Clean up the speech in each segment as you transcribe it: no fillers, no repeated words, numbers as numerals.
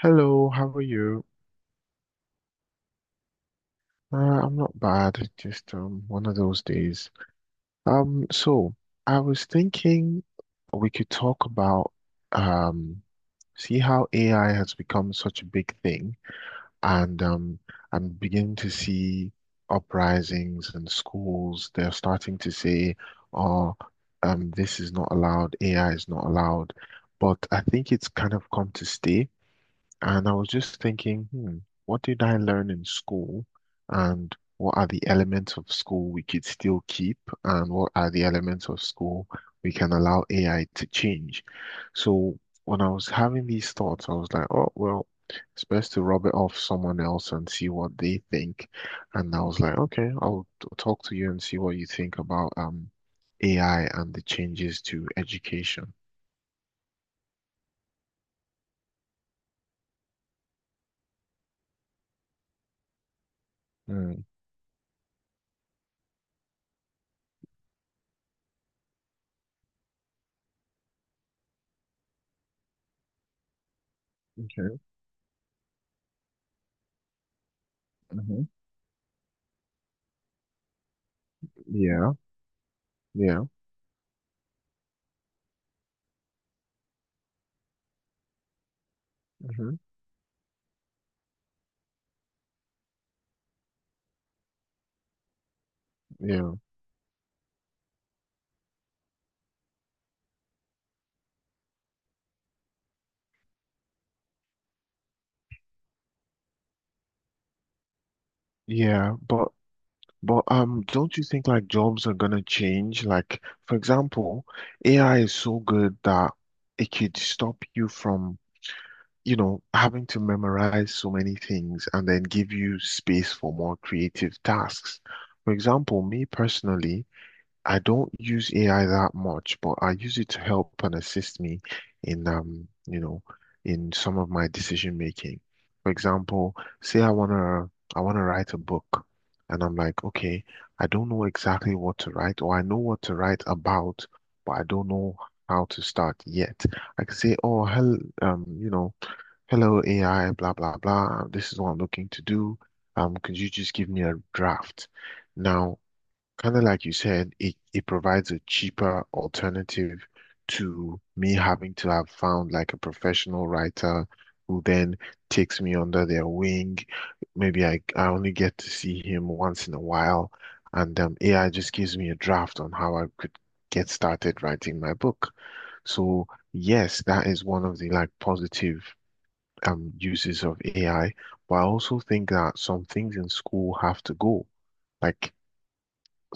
Hello, how are you? I'm not bad. It's just one of those days. So I was thinking we could talk about um, see how AI has become such a big thing, and I'm beginning to see uprisings and schools. They're starting to say, "Oh, this is not allowed. AI is not allowed." But I think it's kind of come to stay. And I was just thinking, hmm, what did I learn in school? And what are the elements of school we could still keep? And what are the elements of school we can allow AI to change? So when I was having these thoughts, I was like, oh, well, it's best to rub it off someone else and see what they think. And I was like, okay, talk to you and see what you think about AI and the changes to education. Hmm. Okay. Hmm. Yeah, yeah, hmm, yeah. Yeah, but don't you think like jobs are gonna change? Like, for example, AI is so good that it could stop you from, you know, having to memorize so many things and then give you space for more creative tasks. For example, me personally, I don't use AI that much, but I use it to help and assist me in you know, in some of my decision making. For example, say I wanna write a book and I'm like, okay, I don't know exactly what to write, or I know what to write about, but I don't know how to start yet. I can say, oh, hell, you know, hello AI, blah blah blah. This is what I'm looking to do. Could you just give me a draft? Now, kind of like you said, it provides a cheaper alternative to me having to have found like a professional writer who then takes me under their wing. Maybe I only get to see him once in a while, and AI just gives me a draft on how I could get started writing my book. So yes, that is one of the like positive uses of AI, but I also think that some things in school have to go. Like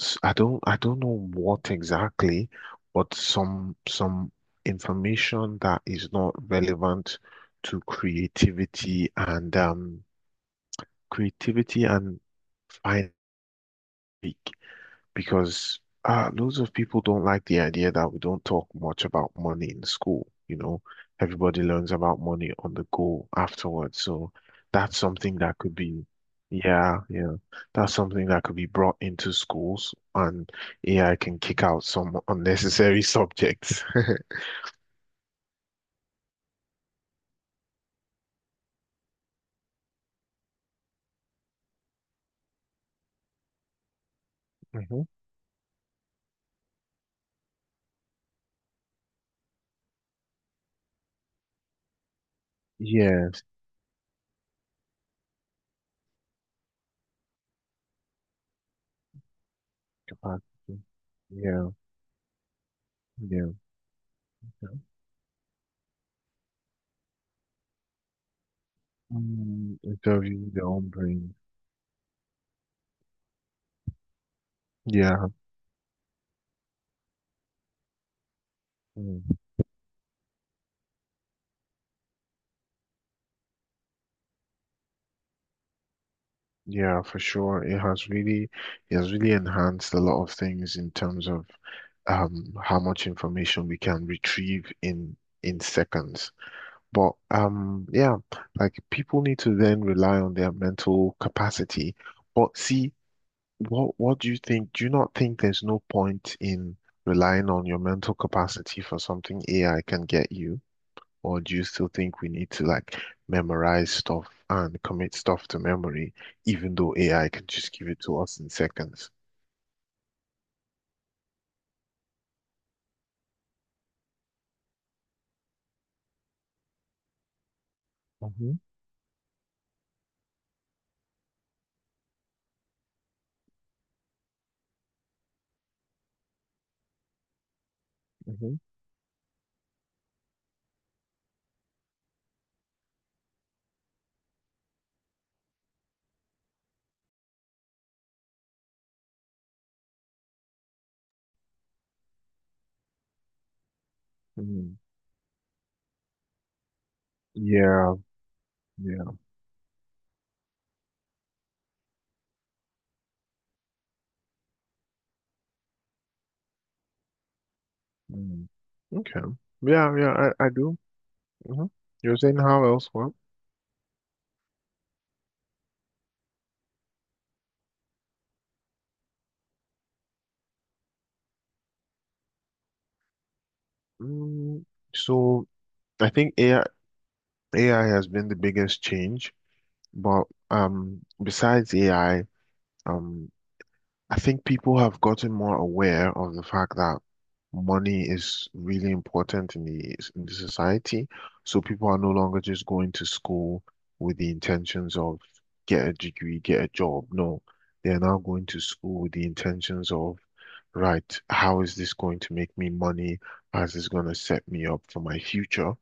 I don't know what exactly, but some information that is not relevant to creativity and creativity and fine because loads of people don't like the idea that we don't talk much about money in school. You know, everybody learns about money on the go afterwards. So that's something that could be, yeah, yeah, that's something that could be brought into schools, and AI can kick out some unnecessary subjects. Hmm. Yeah, capacity. Yeah, yeah, yeah. Mm, it's of your own brain. Yeah. Mm. Yeah, for sure. It has really enhanced a lot of things in terms of how much information we can retrieve in seconds. But yeah, like people need to then rely on their mental capacity. But see, what do you think? Do you not think there's no point in relying on your mental capacity for something AI can get you? Or do you still think we need to like memorize stuff and commit stuff to memory, even though AI can just give it to us in seconds? Mm-hmm, mm-hmm. Hmm. Yeah, yeah. Mm, okay. Yeah, yeah, I do. Hmm. You're saying how else? Well, mm, so I think AI has been the biggest change, but besides AI, um, I think people have gotten more aware of the fact that money is really important in the society. So people are no longer just going to school with the intentions of get a degree, get a job. No, they are now going to school with the intentions of, right, how is this going to make me money? How is this going to set me up for my future?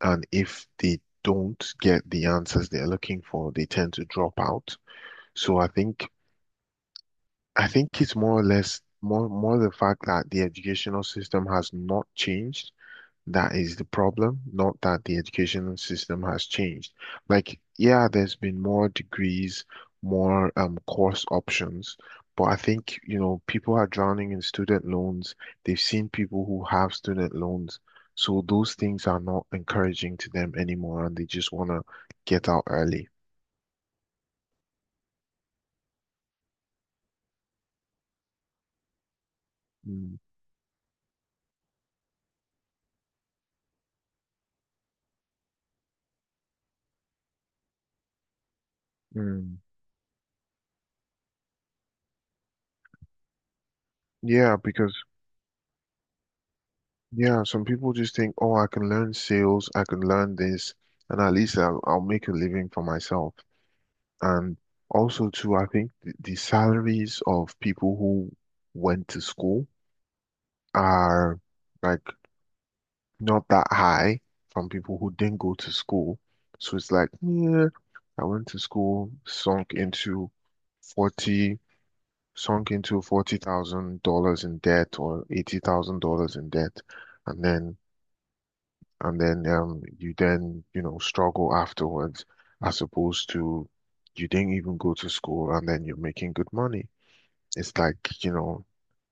And if they don't get the answers they're looking for, they tend to drop out. So I think it's more or less more more the fact that the educational system has not changed. That is the problem, not that the educational system has changed. Like, yeah, there's been more degrees, more course options, but I think, you know, people are drowning in student loans. They've seen people who have student loans, so those things are not encouraging to them anymore, and they just want to get out early. Mm, mm. Yeah, because yeah, some people just think, oh, I can learn sales, I can learn this, and at least I'll make a living for myself. And also, too, I think the salaries of people who went to school are like not that high from people who didn't go to school. So it's like, yeah, I went to school, sunk into 40, sunk into $40,000 in debt or $80,000 in debt, and then and then you then you know struggle afterwards as opposed to you didn't even go to school and then you're making good money. It's like, you know,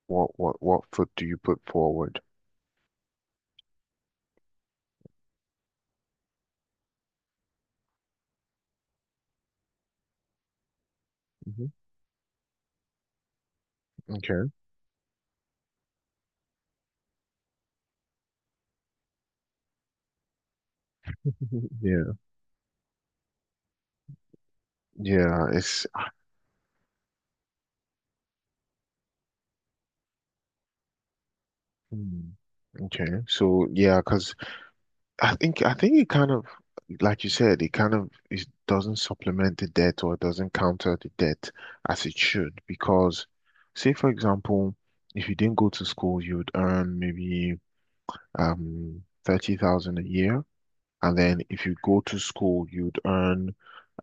what foot do you put forward? Hmm. Okay. Mhm. Yeah. Yeah, it's hmm, okay. So yeah, because I think it kind of like you said, it kind of it doesn't supplement the debt or it doesn't counter the debt as it should because say for example, if you didn't go to school, you would earn maybe 30,000 a year. And then if you go to school, you'd earn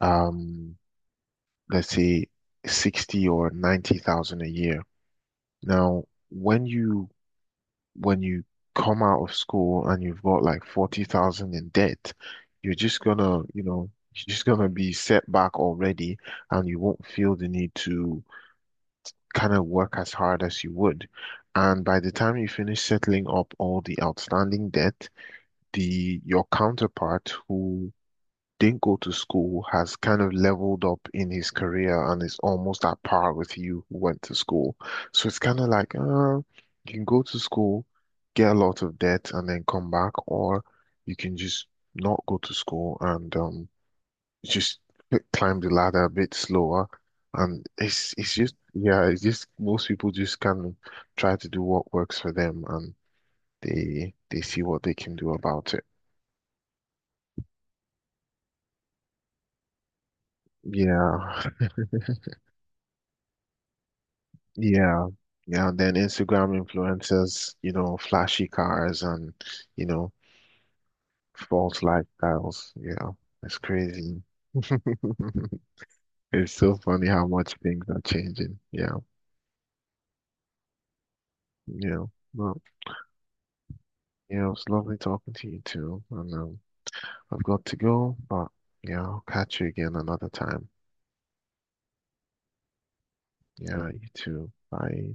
um let's say 60 or 90,000 a year. Now, when you when you come out of school and you've got like 40,000 in debt, you're just gonna, you know, you're just gonna be set back already and you won't feel the need to kind of work as hard as you would. And by the time you finish settling up all the outstanding debt, the your counterpart who didn't go to school has kind of leveled up in his career and is almost at par with you who went to school. So it's kind of like, you can go to school, get a lot of debt, and then come back, or you can just not go to school and just climb the ladder a bit slower. And it's just yeah, it's just most people just kind of try to do what works for them and they see what they can do about it. Yeah. Yeah. Yeah. And then Instagram influencers, you know, flashy cars and, you know, false lifestyles. Yeah. It's crazy. It's so funny how much things are changing. Yeah. Yeah. Well, yeah, it was lovely talking to you too. And I've got to go, but yeah, I'll catch you again another time. Yeah, you too. Bye.